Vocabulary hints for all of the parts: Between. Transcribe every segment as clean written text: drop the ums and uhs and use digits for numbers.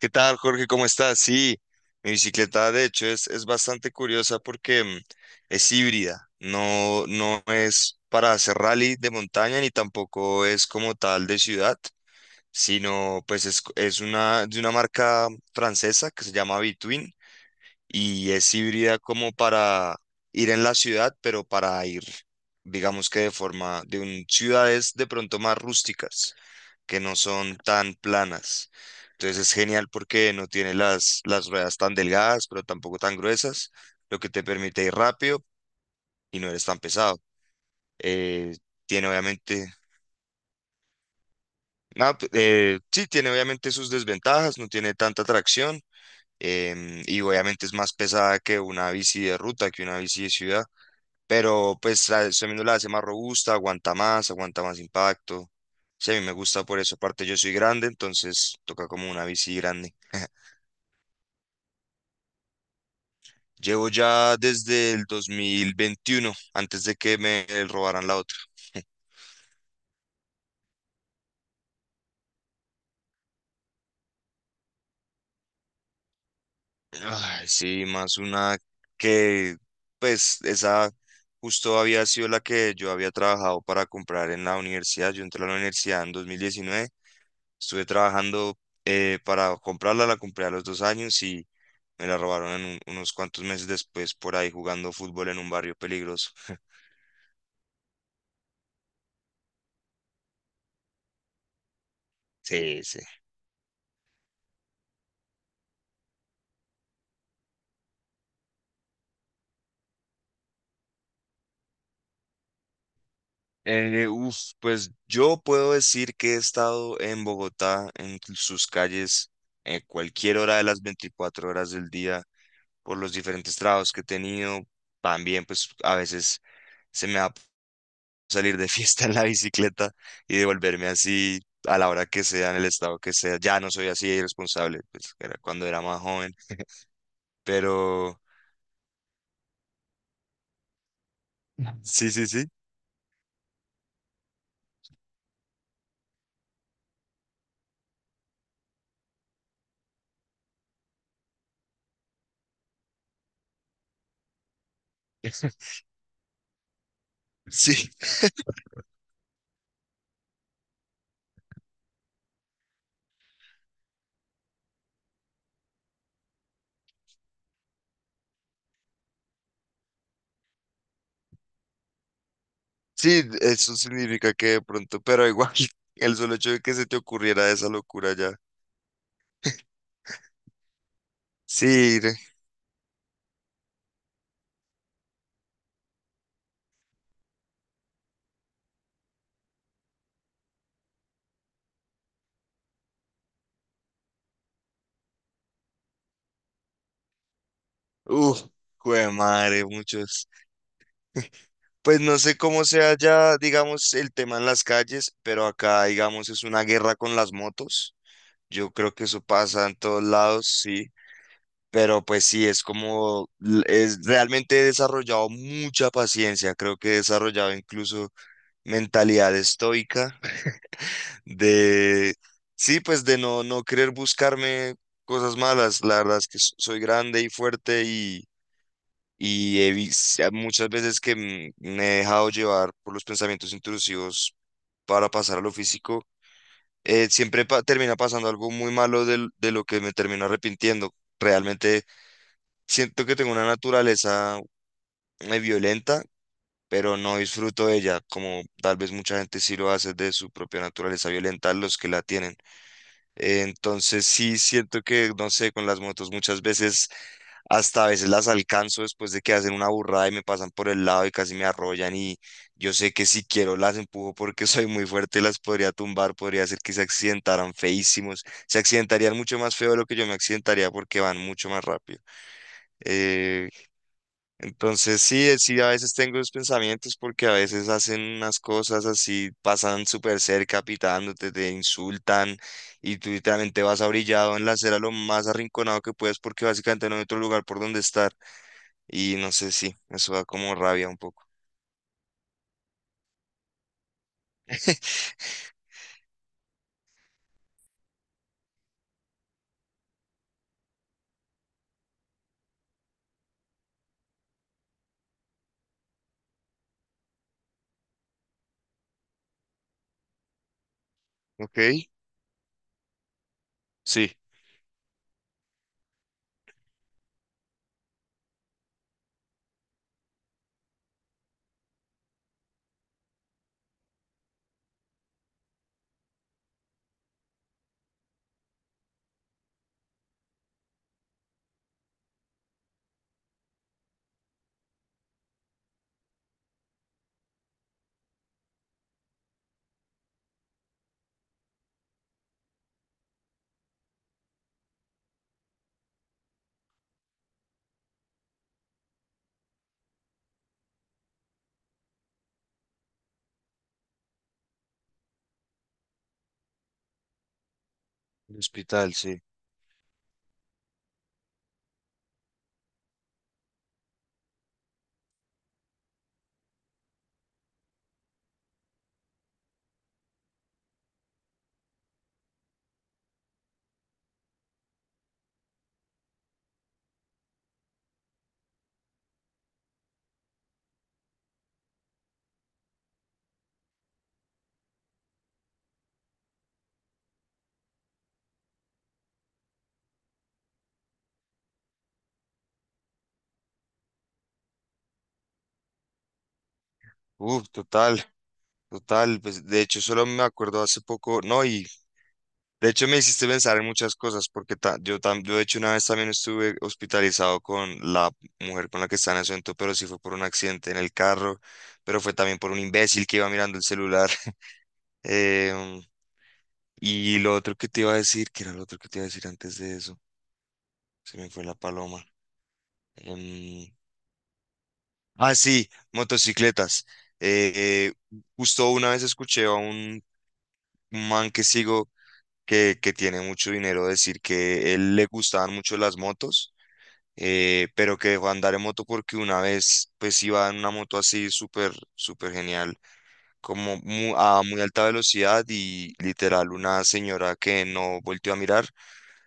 ¿Qué tal, Jorge? ¿Cómo estás? Sí, mi bicicleta de hecho es bastante curiosa porque es híbrida, no, no es para hacer rally de montaña ni tampoco es como tal de ciudad, sino pues es una de una marca francesa que se llama Between y es híbrida como para ir en la ciudad, pero para ir, digamos que de forma de un, ciudades de pronto más rústicas que no son tan planas. Entonces es genial porque no tiene las ruedas tan delgadas, pero tampoco tan gruesas, lo que te permite ir rápido y no eres tan pesado. Eh, Tiene obviamente, no, sí, tiene obviamente sus desventajas, no tiene tanta tracción, y obviamente es más pesada que una bici de ruta, que una bici de ciudad, pero pues eso mismo la hace más robusta, aguanta más impacto. Sí, a mí me gusta por eso. Aparte, yo soy grande, entonces toca como una bici grande. Llevo ya desde el 2021, antes de que me robaran la otra. Ay, sí, más una que, pues, esa justo había sido la que yo había trabajado para comprar en la universidad. Yo entré a la universidad en 2019, estuve trabajando para comprarla, la compré a los dos años y me la robaron en unos cuantos meses después por ahí jugando fútbol en un barrio peligroso. Sí, sí. Uf, pues yo puedo decir que he estado en Bogotá, en sus calles, en cualquier hora de las 24 horas del día, por los diferentes trabajos que he tenido. También, pues a veces se me va salir de fiesta en la bicicleta y devolverme así a la hora que sea, en el estado que sea. Ya no soy así de irresponsable, pues era cuando era más joven, pero sí, sí, sí. Sí, sí, eso significa que de pronto, pero igual, el solo hecho de que se te ocurriera esa locura ya. Sí, re- Uf, jue madre, muchos. Pues no sé cómo sea ya, digamos, el tema en las calles, pero acá, digamos, es una guerra con las motos. Yo creo que eso pasa en todos lados, sí. Pero pues sí, es como, es realmente he desarrollado mucha paciencia, creo que he desarrollado incluso mentalidad estoica de, sí, pues de no, no querer buscarme cosas malas. La verdad es que soy grande y fuerte y muchas veces que me he dejado llevar por los pensamientos intrusivos para pasar a lo físico. Eh, siempre termina pasando algo muy malo de lo que me termino arrepintiendo. Realmente siento que tengo una naturaleza violenta, pero no disfruto de ella, como tal vez mucha gente sí lo hace de su propia naturaleza violenta, los que la tienen. Entonces sí siento que, no sé, con las motos muchas veces, hasta a veces las alcanzo después de que hacen una burrada y me pasan por el lado y casi me arrollan y yo sé que si quiero las empujo porque soy muy fuerte y las podría tumbar, podría hacer que se accidentaran feísimos, se accidentarían mucho más feo de lo que yo me accidentaría porque van mucho más rápido. Eh, entonces sí, sí, a veces tengo esos pensamientos porque a veces hacen unas cosas así, pasan súper cerca pitándote, te insultan y tú literalmente vas abrillado en la acera lo más arrinconado que puedes porque básicamente no hay otro lugar por donde estar. Y no sé, sí, eso da como rabia un poco. Ok, sí, el hospital, sí. Uf, total, total. Pues de hecho solo me acuerdo hace poco, no, y de hecho, me hiciste pensar en muchas cosas, porque yo, yo de hecho una vez también estuve hospitalizado con la mujer con la que estaba en ese momento, pero sí fue por un accidente en el carro, pero fue también por un imbécil que iba mirando el celular. Em, ¿Y lo otro que te iba a decir, que era lo otro que te iba a decir antes de eso? Se me fue la paloma. Em, ah, sí, motocicletas. Justo una vez escuché a un man que sigo que tiene mucho dinero decir que él le gustaban mucho las motos, pero que dejó de andar en moto porque una vez pues iba en una moto así súper, súper genial, como a muy alta velocidad y literal una señora que no volteó a mirar,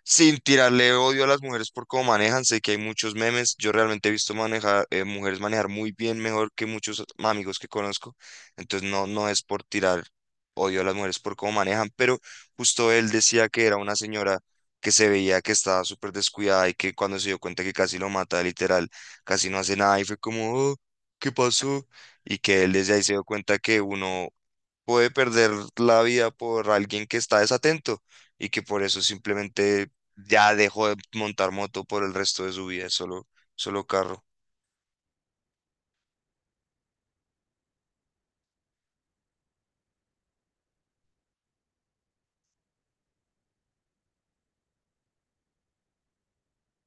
sin tirarle odio a las mujeres por cómo manejan. Sé que hay muchos memes. Yo realmente he visto manejar, mujeres manejar muy bien, mejor que muchos amigos que conozco. Entonces no, no es por tirar odio a las mujeres por cómo manejan, pero justo él decía que era una señora que se veía que estaba súper descuidada y que cuando se dio cuenta que casi lo mata, literal, casi no hace nada y fue como: "Oh, ¿qué pasó?". Y que él desde ahí se dio cuenta que uno puede perder la vida por alguien que está desatento y que por eso simplemente ya dejó de montar moto por el resto de su vida, es solo, solo carro.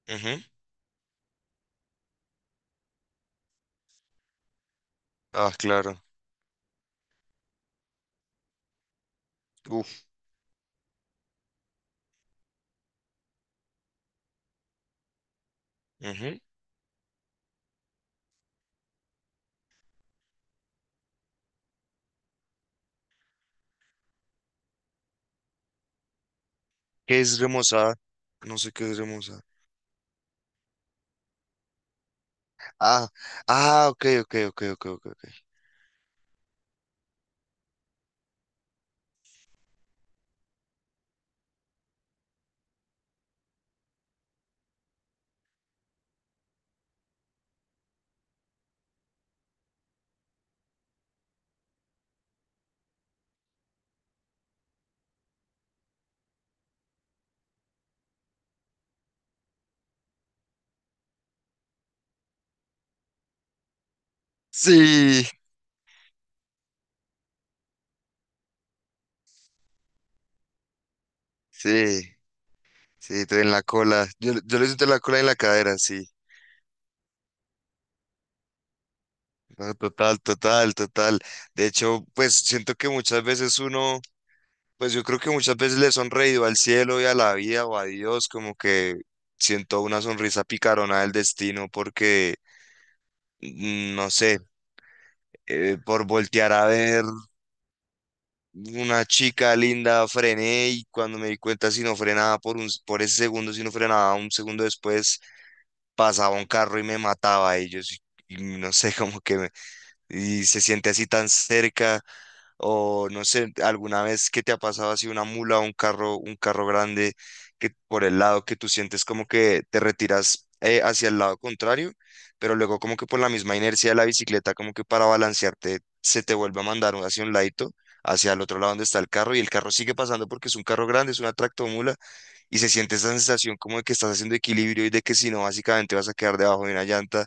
Ujú. Ah, claro. Uf. Ujú. ¿Qué es remozada? No sé qué es remozada. Ah, ah, ok, ok, ok, ok, ok, ok. Sí, sí, sí, en la cola. Yo le siento la cola en la cadera, sí. No, total, total, total. De hecho, pues siento que muchas veces uno, pues yo creo que muchas veces le he sonreído al cielo y a la vida o a Dios, como que siento una sonrisa picarona del destino porque, no sé, por voltear a ver una chica linda frené y cuando me di cuenta si no frenaba por un, por ese segundo, si no frenaba un segundo después, pasaba un carro y me mataba a ellos. Y yo sí, y no sé, como que me, y se siente así tan cerca. O no sé, alguna vez que te ha pasado así una mula o un carro grande que por el lado que tú sientes como que te retiras hacia el lado contrario, pero luego como que por la misma inercia de la bicicleta, como que para balancearte se te vuelve a mandar hacia un ladito, hacia el otro lado donde está el carro y el carro sigue pasando porque es un carro grande, es una tractomula y se siente esa sensación como de que estás haciendo equilibrio y de que si no, básicamente vas a quedar debajo de una llanta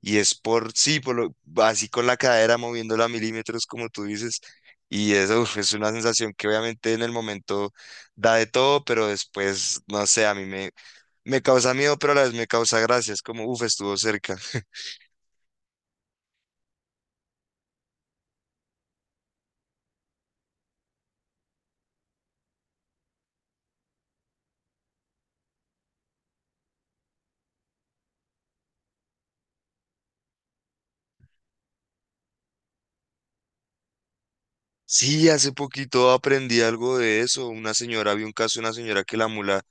y es por, sí, por lo, así con la cadera moviéndola a milímetros, como tú dices, y eso uf, es una sensación que obviamente en el momento da de todo, pero después, no sé, a mí me, me causa miedo, pero a la vez me causa gracia. Es como, uff, estuvo cerca. Sí, hace poquito aprendí algo de eso. Una señora, vi un caso de una señora que la mula,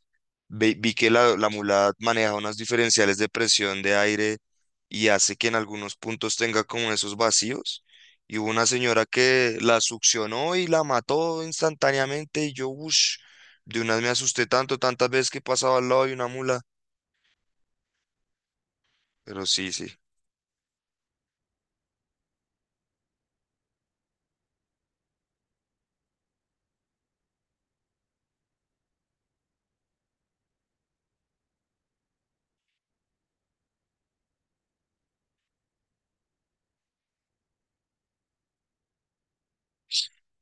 Vi que la mula maneja unos diferenciales de presión de aire y hace que en algunos puntos tenga como esos vacíos. Y hubo una señora que la succionó y la mató instantáneamente. Y yo, uff, de unas me asusté tanto, tantas veces que pasaba al lado de una mula. Pero sí, sí,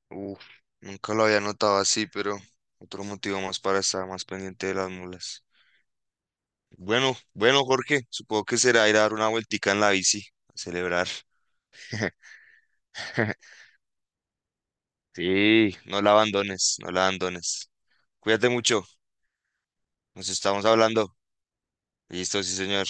uff, nunca lo había notado así, pero otro motivo más para estar más pendiente de las mulas. Bueno, bueno, Jorge, supongo que será ir a dar una vueltica en la bici, a celebrar. Sí, no la abandones, no la abandones. Cuídate mucho, nos estamos hablando. Listo, sí, señor.